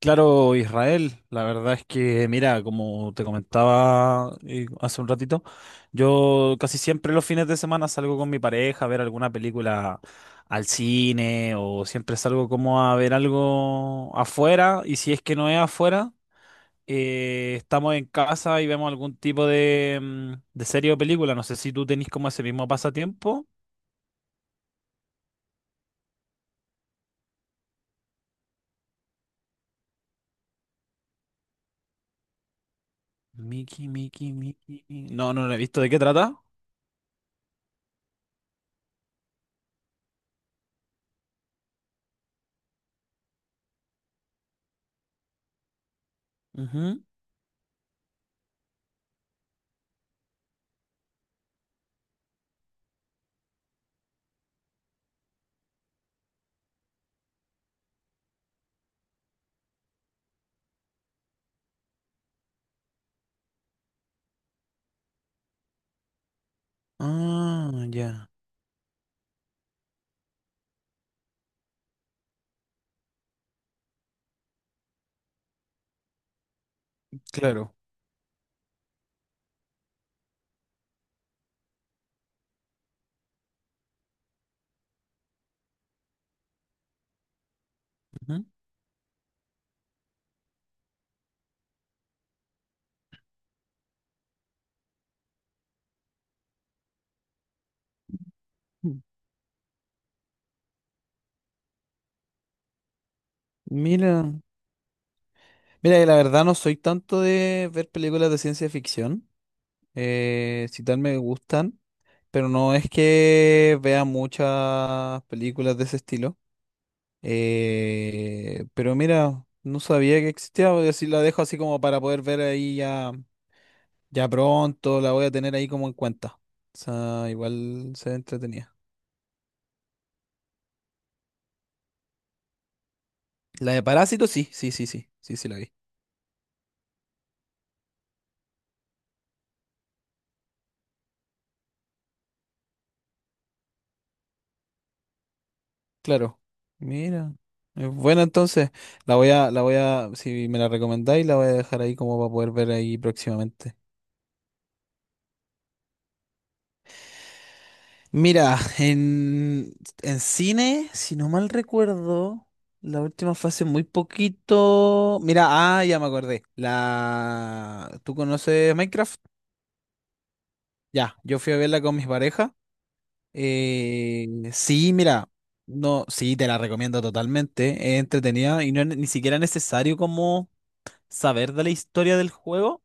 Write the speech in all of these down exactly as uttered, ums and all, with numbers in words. Claro, Israel, la verdad es que, mira, como te comentaba eh, hace un ratito, yo casi siempre los fines de semana salgo con mi pareja a ver alguna película al cine o siempre salgo como a ver algo afuera y si es que no es afuera, eh, estamos en casa y vemos algún tipo de, mm, de serie o película. No sé si tú tenés como ese mismo pasatiempo. Mickey, Mickey, Mickey. No, no lo he visto. ¿De qué trata? Ujú. Ah, ya. Claro. Ujú. Mira, mira, que la verdad no soy tanto de ver películas de ciencia ficción. Eh, si tal me gustan, pero no es que vea muchas películas de ese estilo. Eh, pero mira, no sabía que existía, voy a decir, la dejo así como para poder ver ahí ya, ya pronto, la voy a tener ahí como en cuenta. O sea, igual se entretenía. La de Parásito, sí, sí, sí, sí, sí, sí la vi. Claro. Mira. Es buena entonces. La voy a, la voy a, si me la recomendáis, la voy a dejar ahí como para poder ver ahí próximamente. Mira, en, en cine, si no mal recuerdo, la última fue hace muy poquito. Mira, ah, ya me acordé. La, ¿tú conoces Minecraft? Ya, yo fui a verla con mis parejas. Eh, sí, mira, no, sí, te la recomiendo totalmente. Es entretenida y no es ni siquiera necesario como saber de la historia del juego,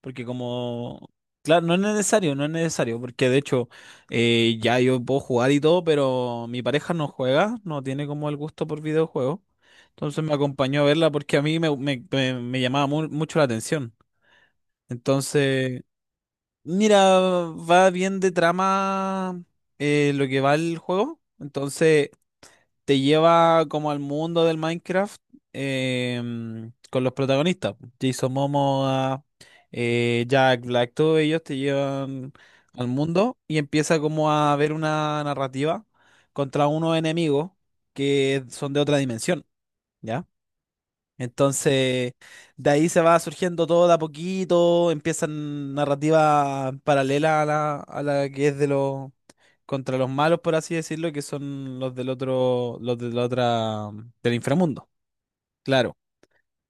porque como, claro, no es necesario, no es necesario, porque de hecho eh, ya yo puedo jugar y todo, pero mi pareja no juega, no tiene como el gusto por videojuegos, entonces me acompañó a verla porque a mí me, me- me- me llamaba mu- mucho la atención. Entonces, mira, va bien de trama eh, lo que va el juego, entonces te lleva como al mundo del Minecraft em, con los protagonistas. Po. Jason Momoa, eh, Jack Black, todos ellos te llevan al mundo y empieza como a ver una narrativa contra unos enemigos que son de otra dimensión, ¿ya? Entonces, de ahí se va surgiendo todo de a poquito, empiezan narrativas paralelas a la, a la que es de los contra los malos, por así decirlo, que son los del otro, los de la otra, del inframundo. Claro,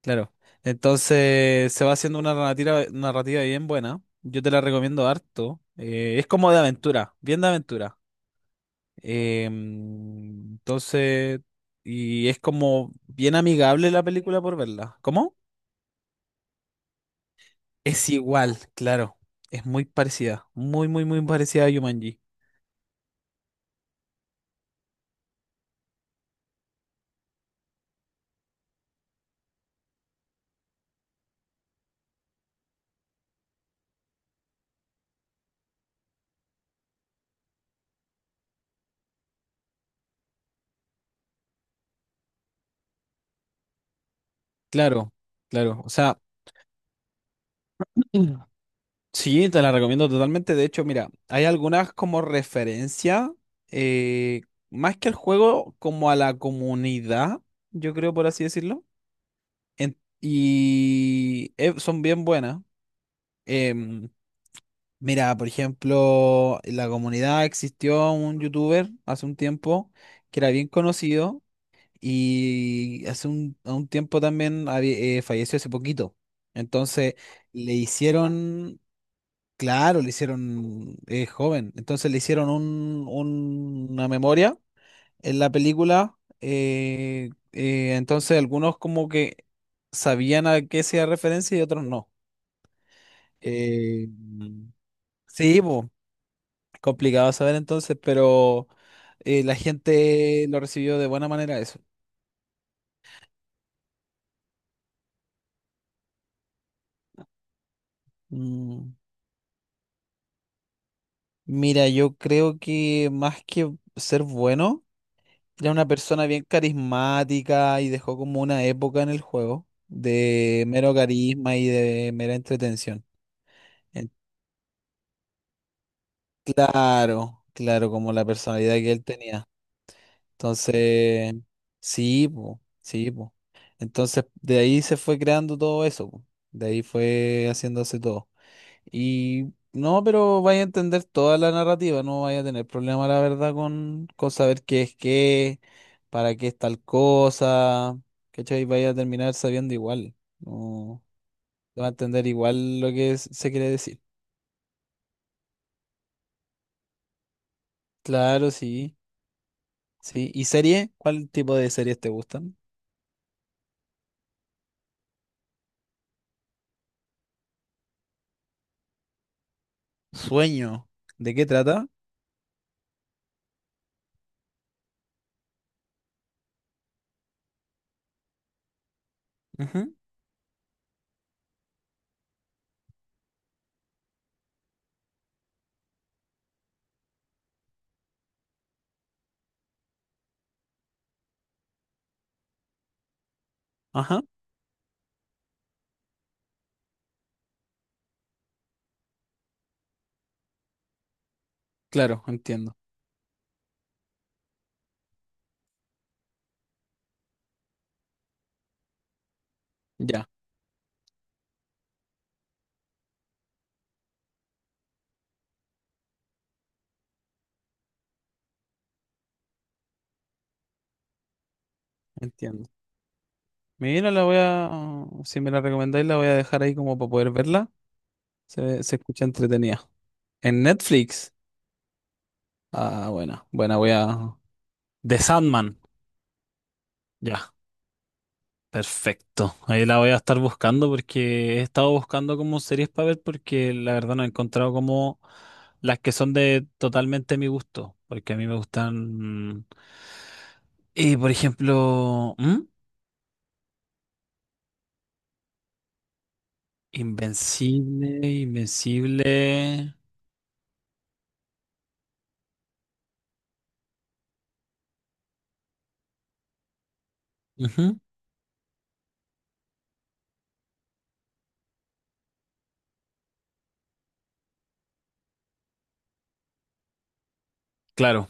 claro. Entonces, se va haciendo una narrativa, narrativa bien buena. Yo te la recomiendo harto. Eh, es como de aventura, bien de aventura. Em, entonces, y es como bien amigable la película por verla. ¿Cómo? Es igual, claro. Es muy parecida. Muy, muy, muy parecida a Jumanji. Claro, claro. O sea, sí, te la recomiendo totalmente. De hecho, mira, hay algunas como referencia, eh, más que al juego, como a la comunidad, yo creo, por así decirlo. En- y eh, son bien buenas. Em, Mira, por ejemplo, en la comunidad existió un youtuber hace un tiempo que era bien conocido. Y hace un, a un tiempo también había- eh, falleció hace poquito. Entonces le hicieron, claro, le hicieron eh, joven. Entonces le hicieron un, un- una memoria en la película. Eh, eh, entonces algunos como que sabían a qué hacía referencia y otros no. Eh, sí, po, complicado saber entonces, pero eh, la gente lo recibió de buena manera eso. Mm. Mira, yo creo que más que ser bueno, era una persona bien carismática y dejó como una época en el juego de mero carisma y de mera entretención. Eh, Claro, claro, como la personalidad que él tenía. Entonces, sí, po, sí, po. Entonces, de ahí se fue creando todo eso, po. De ahí fue haciéndose todo. Y no, pero vaya a entender toda la narrativa, no vaya a tener problema, la verdad, con, con saber qué es qué, para qué es tal cosa, ¿cachai? Vaya a terminar sabiendo igual, no va a entender igual lo que es- se quiere decir. Claro, sí, sí. ¿Y serie? ¿Cuál tipo de series te gustan? Sueño. ¿De qué trata? Ujú, Ajá, claro, entiendo. Ya, entiendo. Mira, la voy a, si me la recomendáis, la voy a dejar ahí como para poder verla. Se, ve- se escucha entretenida. En Netflix. Ah, buena, buena, voy a... The Sandman. Ya, perfecto. Ahí la voy a estar buscando porque he estado buscando como series para ver porque la verdad no he encontrado como las que son de totalmente mi gusto. Porque a mí me gustan... Y por ejemplo, ¿Mm? Invencible, Invencible. Ujú, claro,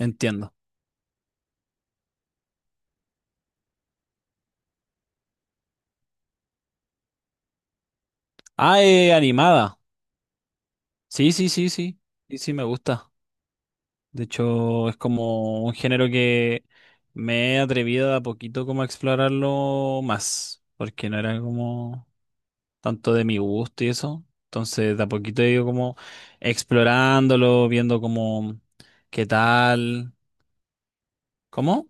entiendo. Ah, eh, animada. Sí, sí, sí, sí. Sí, sí, me gusta. De hecho, es como un género que me he atrevido de a poquito como a explorarlo más, porque no era como tanto de mi gusto y eso. Entonces, de a poquito he ido como explorándolo, viendo como qué tal, ¿cómo?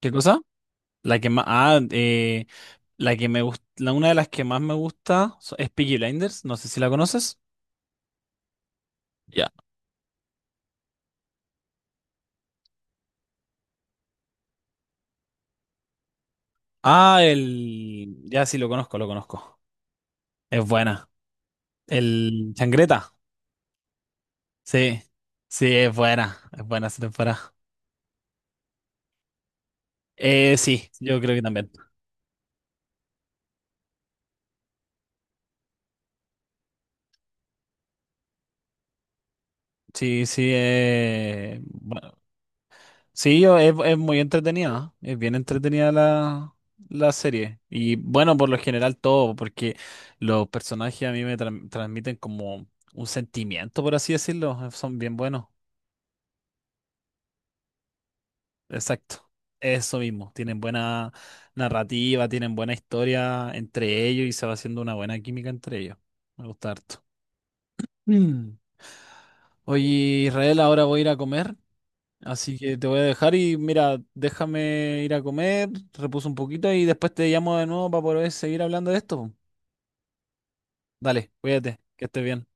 ¿Qué cosa? La que más, ah, eh, la que me gusta, una de las que más me gusta so- es Peaky Blinders, no sé si la conoces. Ya. Ah, el, ya sí lo conozco, lo conozco. Es buena. El Changreta. Sí, sí, es buena, es buena esa temporada. Eh, sí, yo creo que también. Sí, sí, eh, bueno, sí, yo, es, es muy entretenida, ¿eh? Es bien entretenida la, la serie. Y bueno, por lo general todo, porque los personajes a mí me tra- transmiten como un sentimiento, por así decirlo, eh, son bien buenos, exacto. Eso mismo, tienen buena narrativa, tienen buena historia entre ellos y se va haciendo una buena química entre ellos. Me gusta harto. Mm. Oye, Israel, ahora voy a ir a comer, así que te voy a dejar y mira, déjame ir a comer, repuso un poquito y después te llamo de nuevo para poder seguir hablando de esto. Dale, cuídate, que estés bien.